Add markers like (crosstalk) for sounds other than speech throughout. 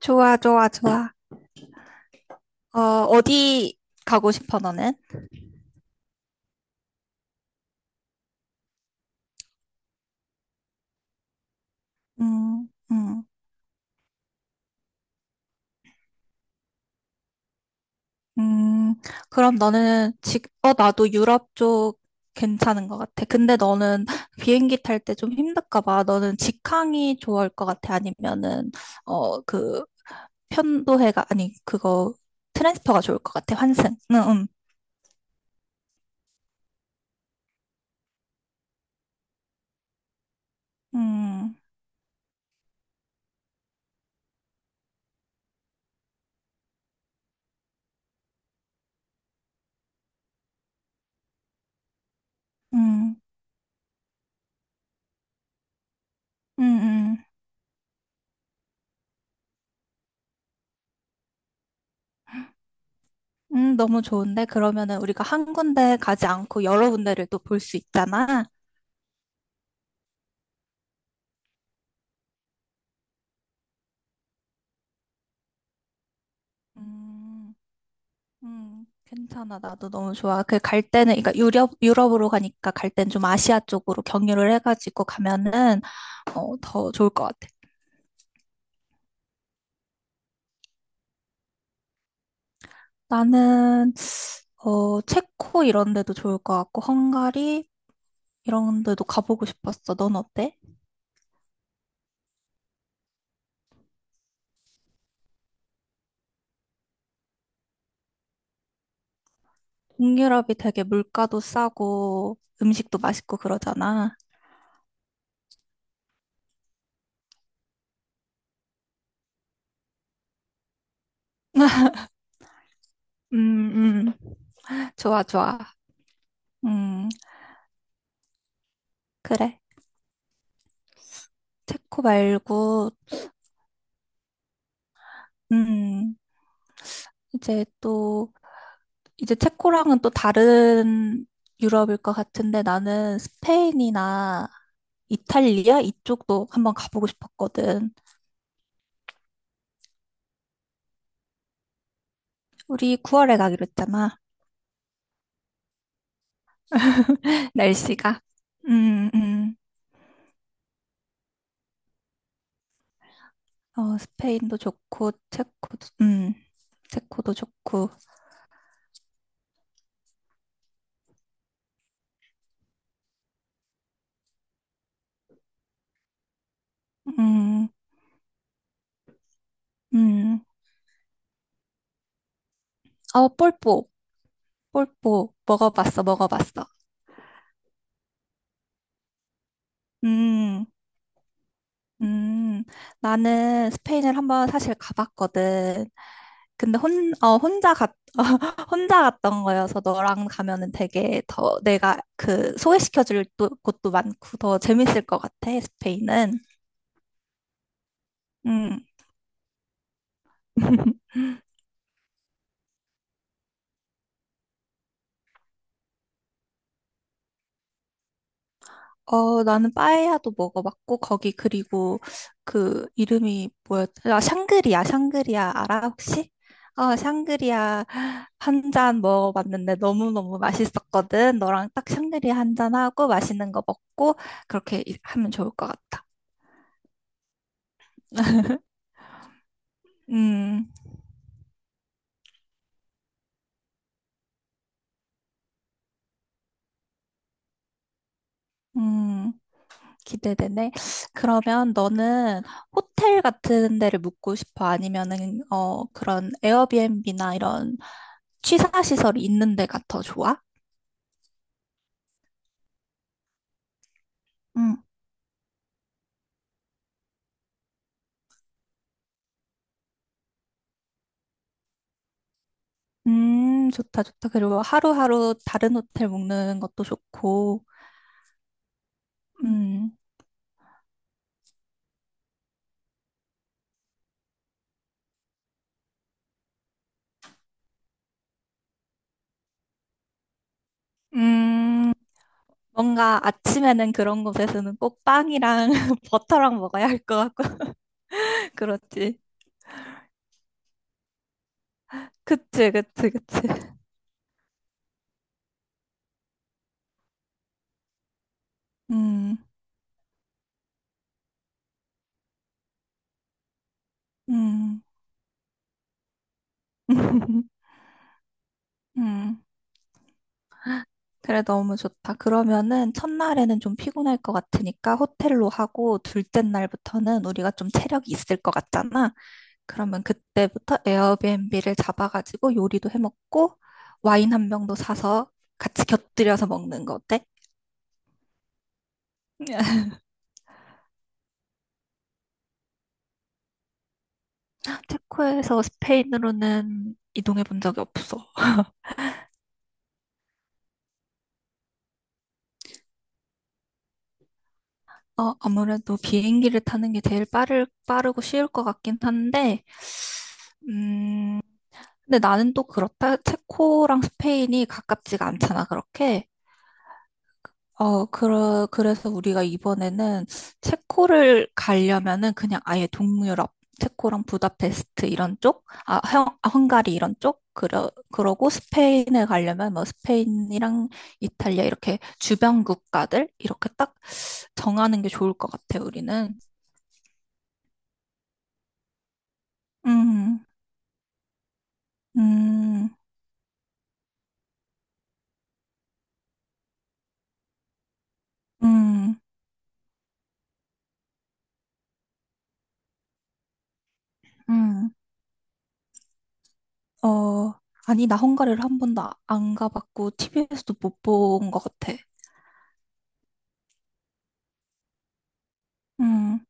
좋아, 좋아, 좋아. 어, 어디 가고 싶어, 너는? 음, 음, 음. 그럼 너는 지금, 나도 유럽 쪽 괜찮은 것 같아. 근데 너는 비행기 탈 때 좀 힘들까 봐. 너는 직항이 좋을 것 같아. 아니면은, 어, 그, 편도해가, 아니, 그거, 트랜스퍼가 좋을 것 같아. 환승. 응, 응. 음, 음, 음, 음. 너무 좋은데? 그러면은 우리가 한 군데 가지 않고 여러 군데를 또 볼 수 있잖아. 음, 괜찮아. 나도 너무 좋아. 그 갈 때는, 그러니까 유럽으로 가니까 갈 땐 좀 아시아 쪽으로 경유를 해가지고 가면은, 더 좋을 것 같아. 나는, 체코 이런 데도 좋을 것 같고, 헝가리 이런 데도 가보고 싶었어. 넌 어때? 동유럽이 되게 물가도 싸고, 음식도 맛있고 그러잖아. (laughs) 음, 음. 좋아, 좋아. 음, 그래. 체코 말고, 음, 이제 또, 이제 체코랑은 또 다른 유럽일 것 같은데 나는 스페인이나 이탈리아 이쪽도 한번 가보고 싶었거든. 우리 9월에 가기로 했잖아. 날씨가. 음, 음. 어, 스페인도 좋고, 체코도, 체코도 좋고, 음, 음. 어, 폴포, 폴포, 먹어봤어, 먹어봤어. 음. 음, 나는 스페인을 한번 사실 가봤거든. 근데 혼자 (laughs) 혼자 갔던 거여서 너랑 가면은 되게 더 내가 그 곳도 많고 더 재밌을 것 같아, 스페인은. 음. (laughs) 어, 나는 빠에야도 먹어봤고, 거기 그리고 그 이름이 뭐였더라? 아, 샹그리아 알아, 혹시? 어, 샹그리아 한 잔 먹어봤는데 너무너무 맛있었거든. 너랑 딱 샹그리아 한 잔하고 맛있는 거 먹고, 그렇게 하면 좋을 것 같다. (laughs) 음, 음, 기대되네. 그러면 너는 호텔 같은 데를 묵고 싶어? 아니면은, 그런 에어비앤비나 이런 취사시설이 있는 데가 더 좋아? 음, 좋다, 좋다. 그리고 하루하루 다른 호텔 먹는 것도 좋고, 음, 음, 뭔가 아침에는 그런 곳에서는 꼭 빵이랑 (laughs) 버터랑 먹어야 할 것 같고, (laughs) 그렇지. 그치, 그치, 그치. 음, 음, (laughs) 음. 그래, 너무 좋다. 그러면은 첫날에는 좀 피곤할 것 같으니까 호텔로 하고 둘째 날부터는 우리가 좀 체력이 있을 것 같잖아. 그러면 그때부터 에어비앤비를 잡아가지고 요리도 해 먹고 와인 한 병도 사서 같이 곁들여서 먹는 거 어때? (laughs) 체코에서 스페인으로는 이동해 본 적이 없어. 어, 아무래도 비행기를 타는 게 제일 빠르고 쉬울 것 같긴 한데, 음, 근데 나는 또 그렇다. 체코랑 스페인이 가깝지가 않잖아, 그렇게. 그래서 우리가 이번에는 체코를 가려면은 그냥 아예 동유럽, 체코랑 부다페스트 이런 쪽, 아, 헝가리 이런 쪽, 그러고 스페인에 가려면 뭐 스페인이랑 이탈리아 이렇게 주변 국가들 이렇게 딱 정하는 게 좋을 것 같아, 우리는. 음, 음, 음, 음. 어, 아니, 나 헝가리를 한 번도 안 가봤고, 티비에서도 못 본 것 같아. 음,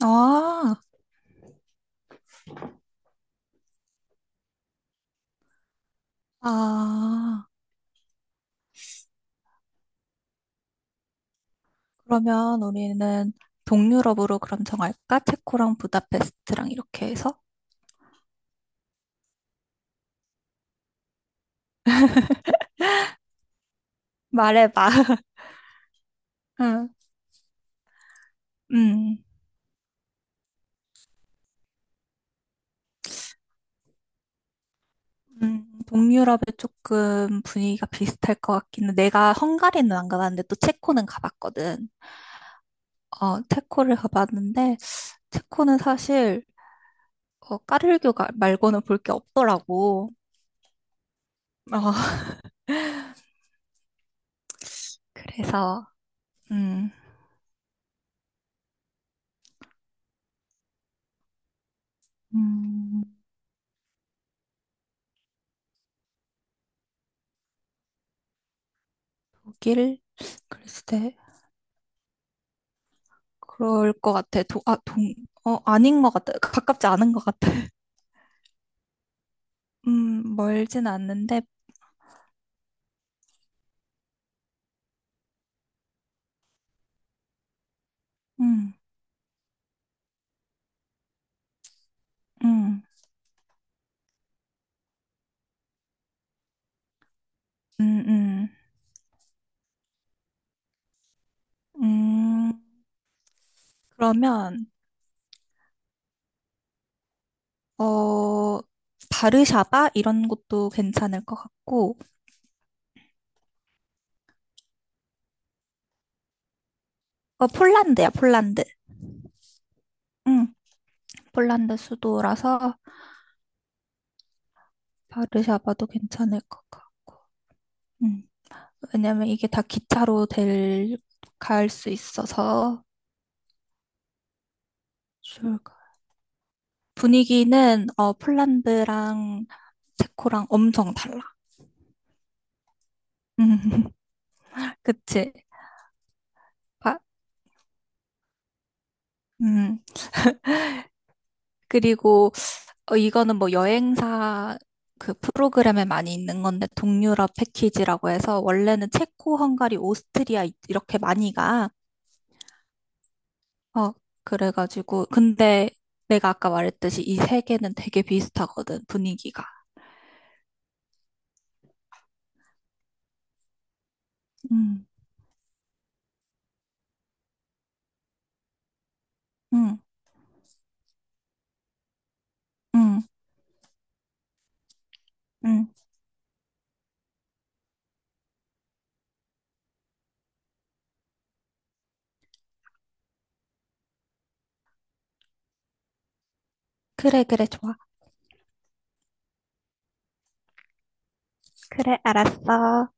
아, 아, 그러면 우리는 동유럽으로 그럼 정할까? 체코랑 부다페스트랑 이렇게 해서? 말해봐. (laughs) 응. 음, 동유럽에 조금 분위기가 비슷할 것 같기는. 내가 헝가리는 안 가봤는데 또 체코는 가봤거든. 어, 체코를 가봤는데 체코는 사실 어, 까르르교 말고는 볼 게 없더라고. 어, 그래서 음, 음, 독일? 글쎄. 그럴 것 같아. 어, 아닌 것 같아. 그 가깝지 않은 것 같아. (laughs) 멀진 않는데, 음, 음, 음, 음, 음. 그러면, 어, 바르샤바? 이런 곳도 괜찮을 것 같고, 어, 폴란드야, 폴란드. 음, 폴란드 수도라서 바르샤바도 괜찮을 것 같고, 음. 왜냐면 이게 다 갈 수 있어서 좋을 것 같아요. 분위기는 어, 폴란드랑 체코랑 엄청 달라. (laughs) 음, 그치? 아, 음. 그리고 어, 이거는 뭐 여행사 그 프로그램에 많이 있는 건데 동유럽 패키지라고 해서 원래는 체코, 헝가리, 오스트리아 이렇게 많이 가. 어, 그래가지고 근데 내가 아까 말했듯이 이 세 개는 되게 비슷하거든 분위기가. 음, 음, 음. 음. 그래, 그래, 좋아. 그래, 알았어.